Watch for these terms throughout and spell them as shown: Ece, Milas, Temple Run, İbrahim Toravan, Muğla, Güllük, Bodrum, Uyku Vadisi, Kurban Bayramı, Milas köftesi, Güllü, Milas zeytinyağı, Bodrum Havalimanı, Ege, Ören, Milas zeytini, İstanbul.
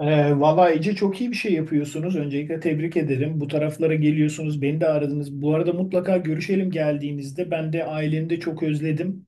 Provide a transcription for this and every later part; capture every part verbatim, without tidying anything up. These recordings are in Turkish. Ee, valla Ece çok iyi bir şey yapıyorsunuz. Öncelikle tebrik ederim. Bu taraflara geliyorsunuz. Beni de aradınız. Bu arada mutlaka görüşelim geldiğinizde. Ben de ailemi de çok özledim.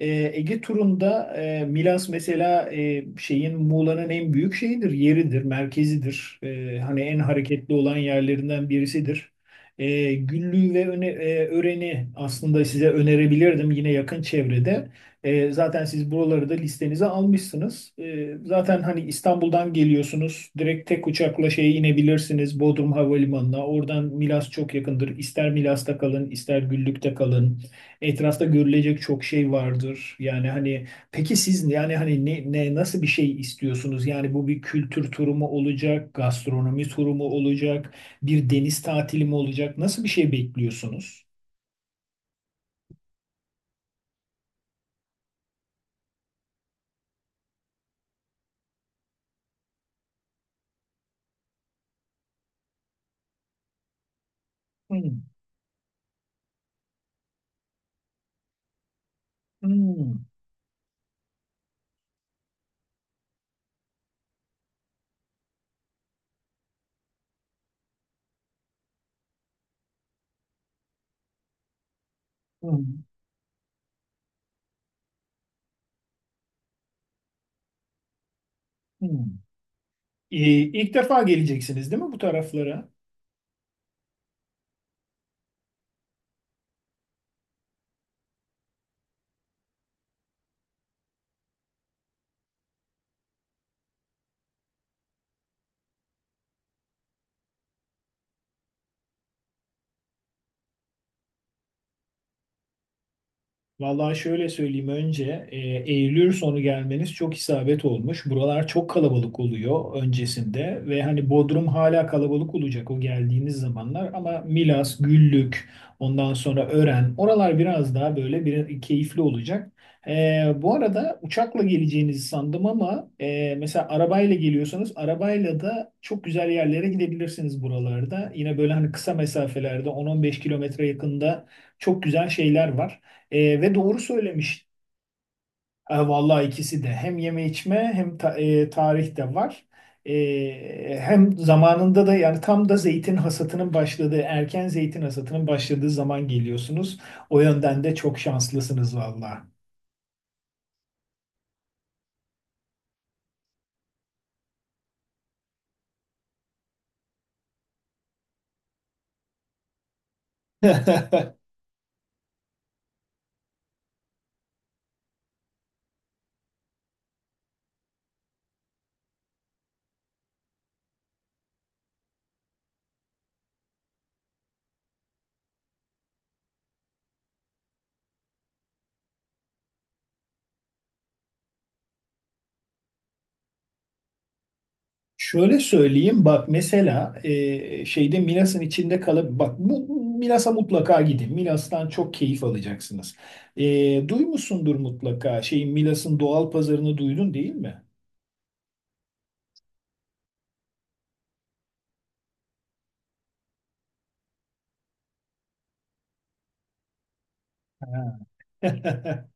Ee, Ege turunda e, Milas mesela e, şeyin Muğla'nın en büyük şeyidir, yeridir, merkezidir. Ee, hani en hareketli olan yerlerinden birisidir. Ee, Güllü ve öne, e, Ören'i aslında size önerebilirdim yine yakın çevrede. E, zaten siz buraları da listenize almışsınız. E, zaten hani İstanbul'dan geliyorsunuz. Direkt tek uçakla şeye inebilirsiniz Bodrum Havalimanı'na. Oradan Milas çok yakındır. İster Milas'ta kalın, ister Güllük'te kalın. Etrafta görülecek çok şey vardır. Yani hani peki siz yani hani ne, ne nasıl bir şey istiyorsunuz? Yani bu bir kültür turu mu olacak, gastronomi turu mu olacak, bir deniz tatili mi olacak? Nasıl bir şey bekliyorsunuz? Hmm. Hmm. Hmm. Hmm. Ee, İlk defa geleceksiniz değil mi bu taraflara? Vallahi şöyle söyleyeyim önce e, Eylül sonu gelmeniz çok isabet olmuş. Buralar çok kalabalık oluyor öncesinde ve hani Bodrum hala kalabalık olacak o geldiğiniz zamanlar ama Milas, Güllük, ondan sonra Ören oralar biraz daha böyle bir keyifli olacak. E, bu arada uçakla geleceğinizi sandım ama e, mesela arabayla geliyorsanız arabayla da çok güzel yerlere gidebilirsiniz buralarda. Yine böyle hani kısa mesafelerde on on beş kilometre yakında çok güzel şeyler var. E, ve doğru söylemiş. E, vallahi ikisi de hem yeme içme hem ta- e, tarih de var. E, hem zamanında da yani tam da zeytin hasatının başladığı erken zeytin hasatının başladığı zaman geliyorsunuz. O yönden de çok şanslısınız vallahi. Şöyle söyleyeyim bak mesela e, şeyde Milas'ın içinde kalıp bak bu Milas'a mutlaka gidin. Milas'tan çok keyif alacaksınız. E, duymuşsundur mutlaka şeyin Milas'ın doğal pazarını duydun değil mi? Ha. Aha.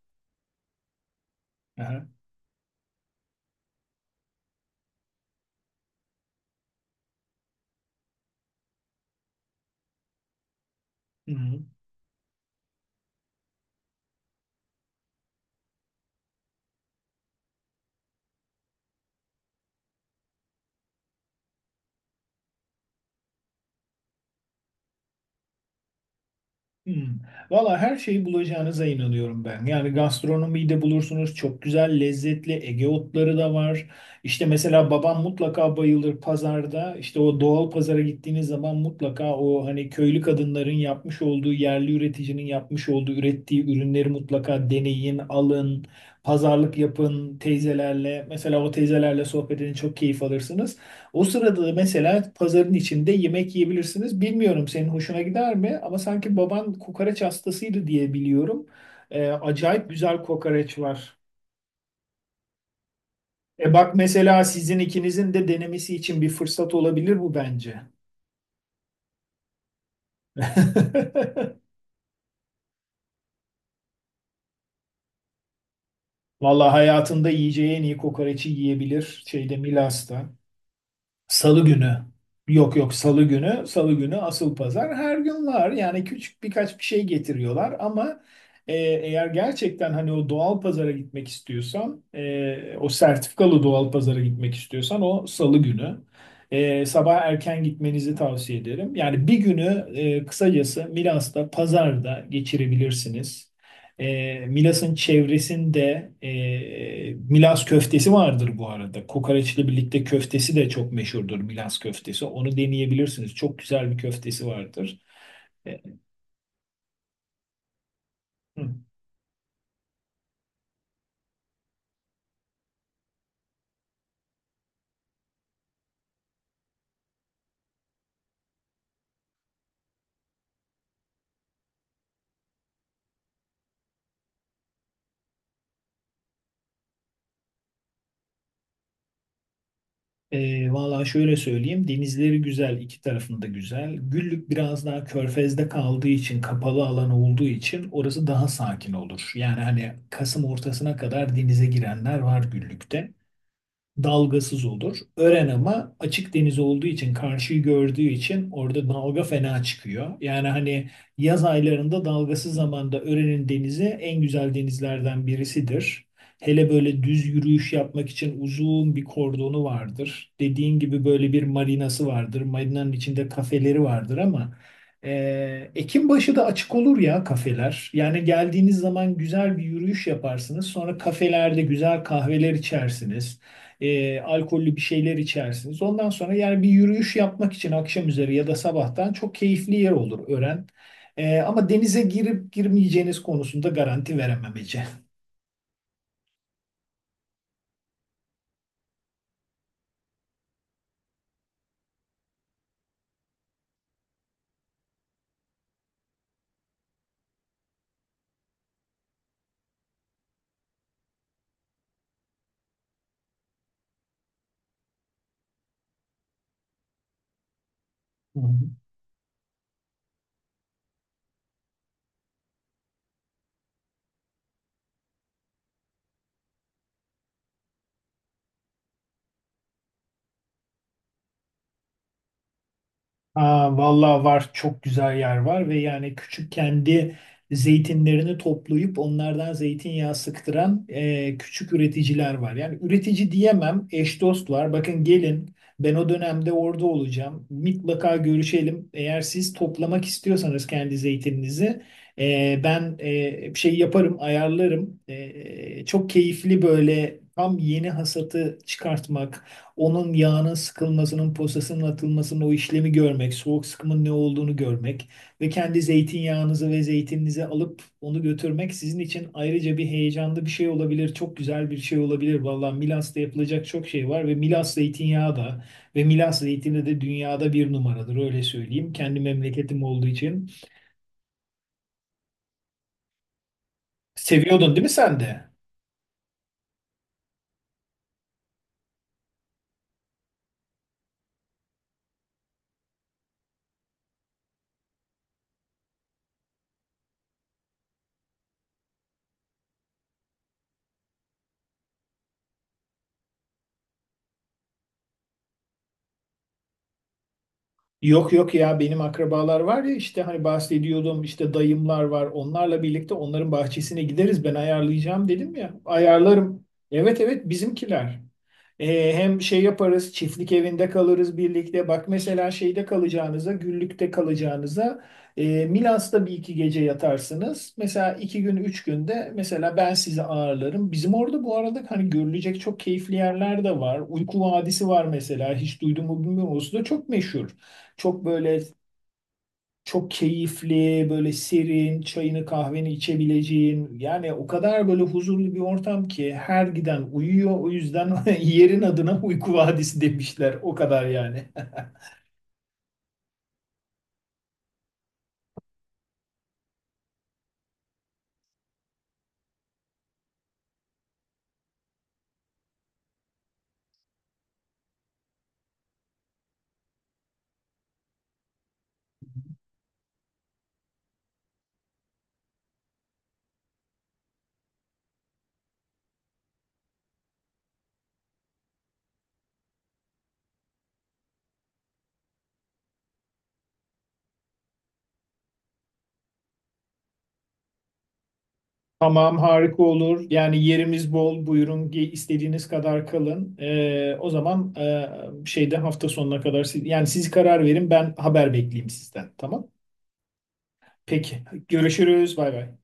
Hı hı. Hmm. Valla her şeyi bulacağınıza inanıyorum ben. Yani gastronomiyi de bulursunuz. Çok güzel, lezzetli Ege otları da var. İşte mesela babam mutlaka bayılır pazarda. İşte o doğal pazara gittiğiniz zaman mutlaka o hani köylü kadınların yapmış olduğu, yerli üreticinin yapmış olduğu, ürettiği ürünleri mutlaka deneyin, alın. Pazarlık yapın teyzelerle. Mesela o teyzelerle sohbetini çok keyif alırsınız. O sırada mesela pazarın içinde yemek yiyebilirsiniz. Bilmiyorum senin hoşuna gider mi? Ama sanki baban kokoreç hastasıydı diye biliyorum. Ee, acayip güzel kokoreç var. E bak mesela sizin ikinizin de denemesi için bir fırsat olabilir bu bence. Vallahi hayatında yiyeceği en iyi kokoreçi yiyebilir şeyde Milas'ta. Salı günü. Yok yok salı günü. Salı günü asıl pazar. Her gün var. Yani küçük birkaç bir şey getiriyorlar ama e, eğer gerçekten hani o doğal pazara gitmek istiyorsan e, o sertifikalı doğal pazara gitmek istiyorsan o salı günü. E, sabah erken gitmenizi tavsiye ederim. Yani bir günü e, kısacası Milas'ta pazarda geçirebilirsiniz. E, Milas'ın çevresinde e, Milas köftesi vardır bu arada. Kokoreçle birlikte köftesi de çok meşhurdur Milas köftesi. Onu deneyebilirsiniz. Çok güzel bir köftesi vardır. E, hı. E, vallahi şöyle söyleyeyim. Denizleri güzel, iki tarafında güzel. Güllük biraz daha körfezde kaldığı için, kapalı alan olduğu için orası daha sakin olur. Yani hani Kasım ortasına kadar denize girenler var Güllük'te. Dalgasız olur. Ören ama açık deniz olduğu için karşıyı gördüğü için orada dalga fena çıkıyor. Yani hani yaz aylarında dalgasız zamanda Ören'in denizi en güzel denizlerden birisidir. Hele böyle düz yürüyüş yapmak için uzun bir kordonu vardır. Dediğin gibi böyle bir marinası vardır. Marinanın içinde kafeleri vardır ama e, Ekim başı da açık olur ya kafeler. Yani geldiğiniz zaman güzel bir yürüyüş yaparsınız. Sonra kafelerde güzel kahveler içersiniz e, alkollü bir şeyler içersiniz. Ondan sonra yani bir yürüyüş yapmak için akşam üzeri ya da sabahtan çok keyifli yer olur Ören. E, ama denize girip girmeyeceğiniz konusunda garanti veremem Ece. Hı hı. Ha, vallahi var çok güzel yer var ve yani küçük kendi zeytinlerini toplayıp onlardan zeytinyağı sıktıran e, küçük üreticiler var. Yani üretici diyemem eş dost var. Bakın gelin ben o dönemde orada olacağım. Mutlaka görüşelim. Eğer siz toplamak istiyorsanız kendi zeytininizi e, ben e, bir şey yaparım ayarlarım. E, çok keyifli böyle tam yeni hasatı çıkartmak. Onun yağının sıkılmasının, posasının atılmasının o işlemi görmek, soğuk sıkımın ne olduğunu görmek ve kendi zeytinyağınızı ve zeytininizi alıp onu götürmek sizin için ayrıca bir heyecanlı bir şey olabilir. Çok güzel bir şey olabilir. Vallahi Milas'ta yapılacak çok şey var ve Milas zeytinyağı da ve Milas zeytini de dünyada bir numaradır öyle söyleyeyim. Kendi memleketim olduğu için. Seviyordun değil mi sen de? Yok yok ya benim akrabalar var ya işte hani bahsediyordum işte dayımlar var onlarla birlikte onların bahçesine gideriz ben ayarlayacağım dedim ya ayarlarım. Evet evet bizimkiler. Ee, hem şey yaparız çiftlik evinde kalırız birlikte bak mesela şeyde kalacağınıza Güllük'te kalacağınıza e, Milas'ta bir iki gece yatarsınız. Mesela iki gün üç günde mesela ben sizi ağırlarım. Bizim orada bu arada hani görülecek çok keyifli yerler de var. Uyku Vadisi var mesela hiç duydun mu bilmiyorum. Orası da çok meşhur. Çok böyle çok keyifli, böyle serin, çayını kahveni içebileceğin yani o kadar böyle huzurlu bir ortam ki her giden uyuyor. O yüzden yerin adına uyku vadisi demişler. O kadar yani. Tamam harika olur. Yani yerimiz bol. Buyurun ge- istediğiniz kadar kalın. Ee, o zaman e, şeyde hafta sonuna kadar siz, yani siz karar verin ben haber bekleyeyim sizden. Tamam. Peki. Görüşürüz. Bay bay.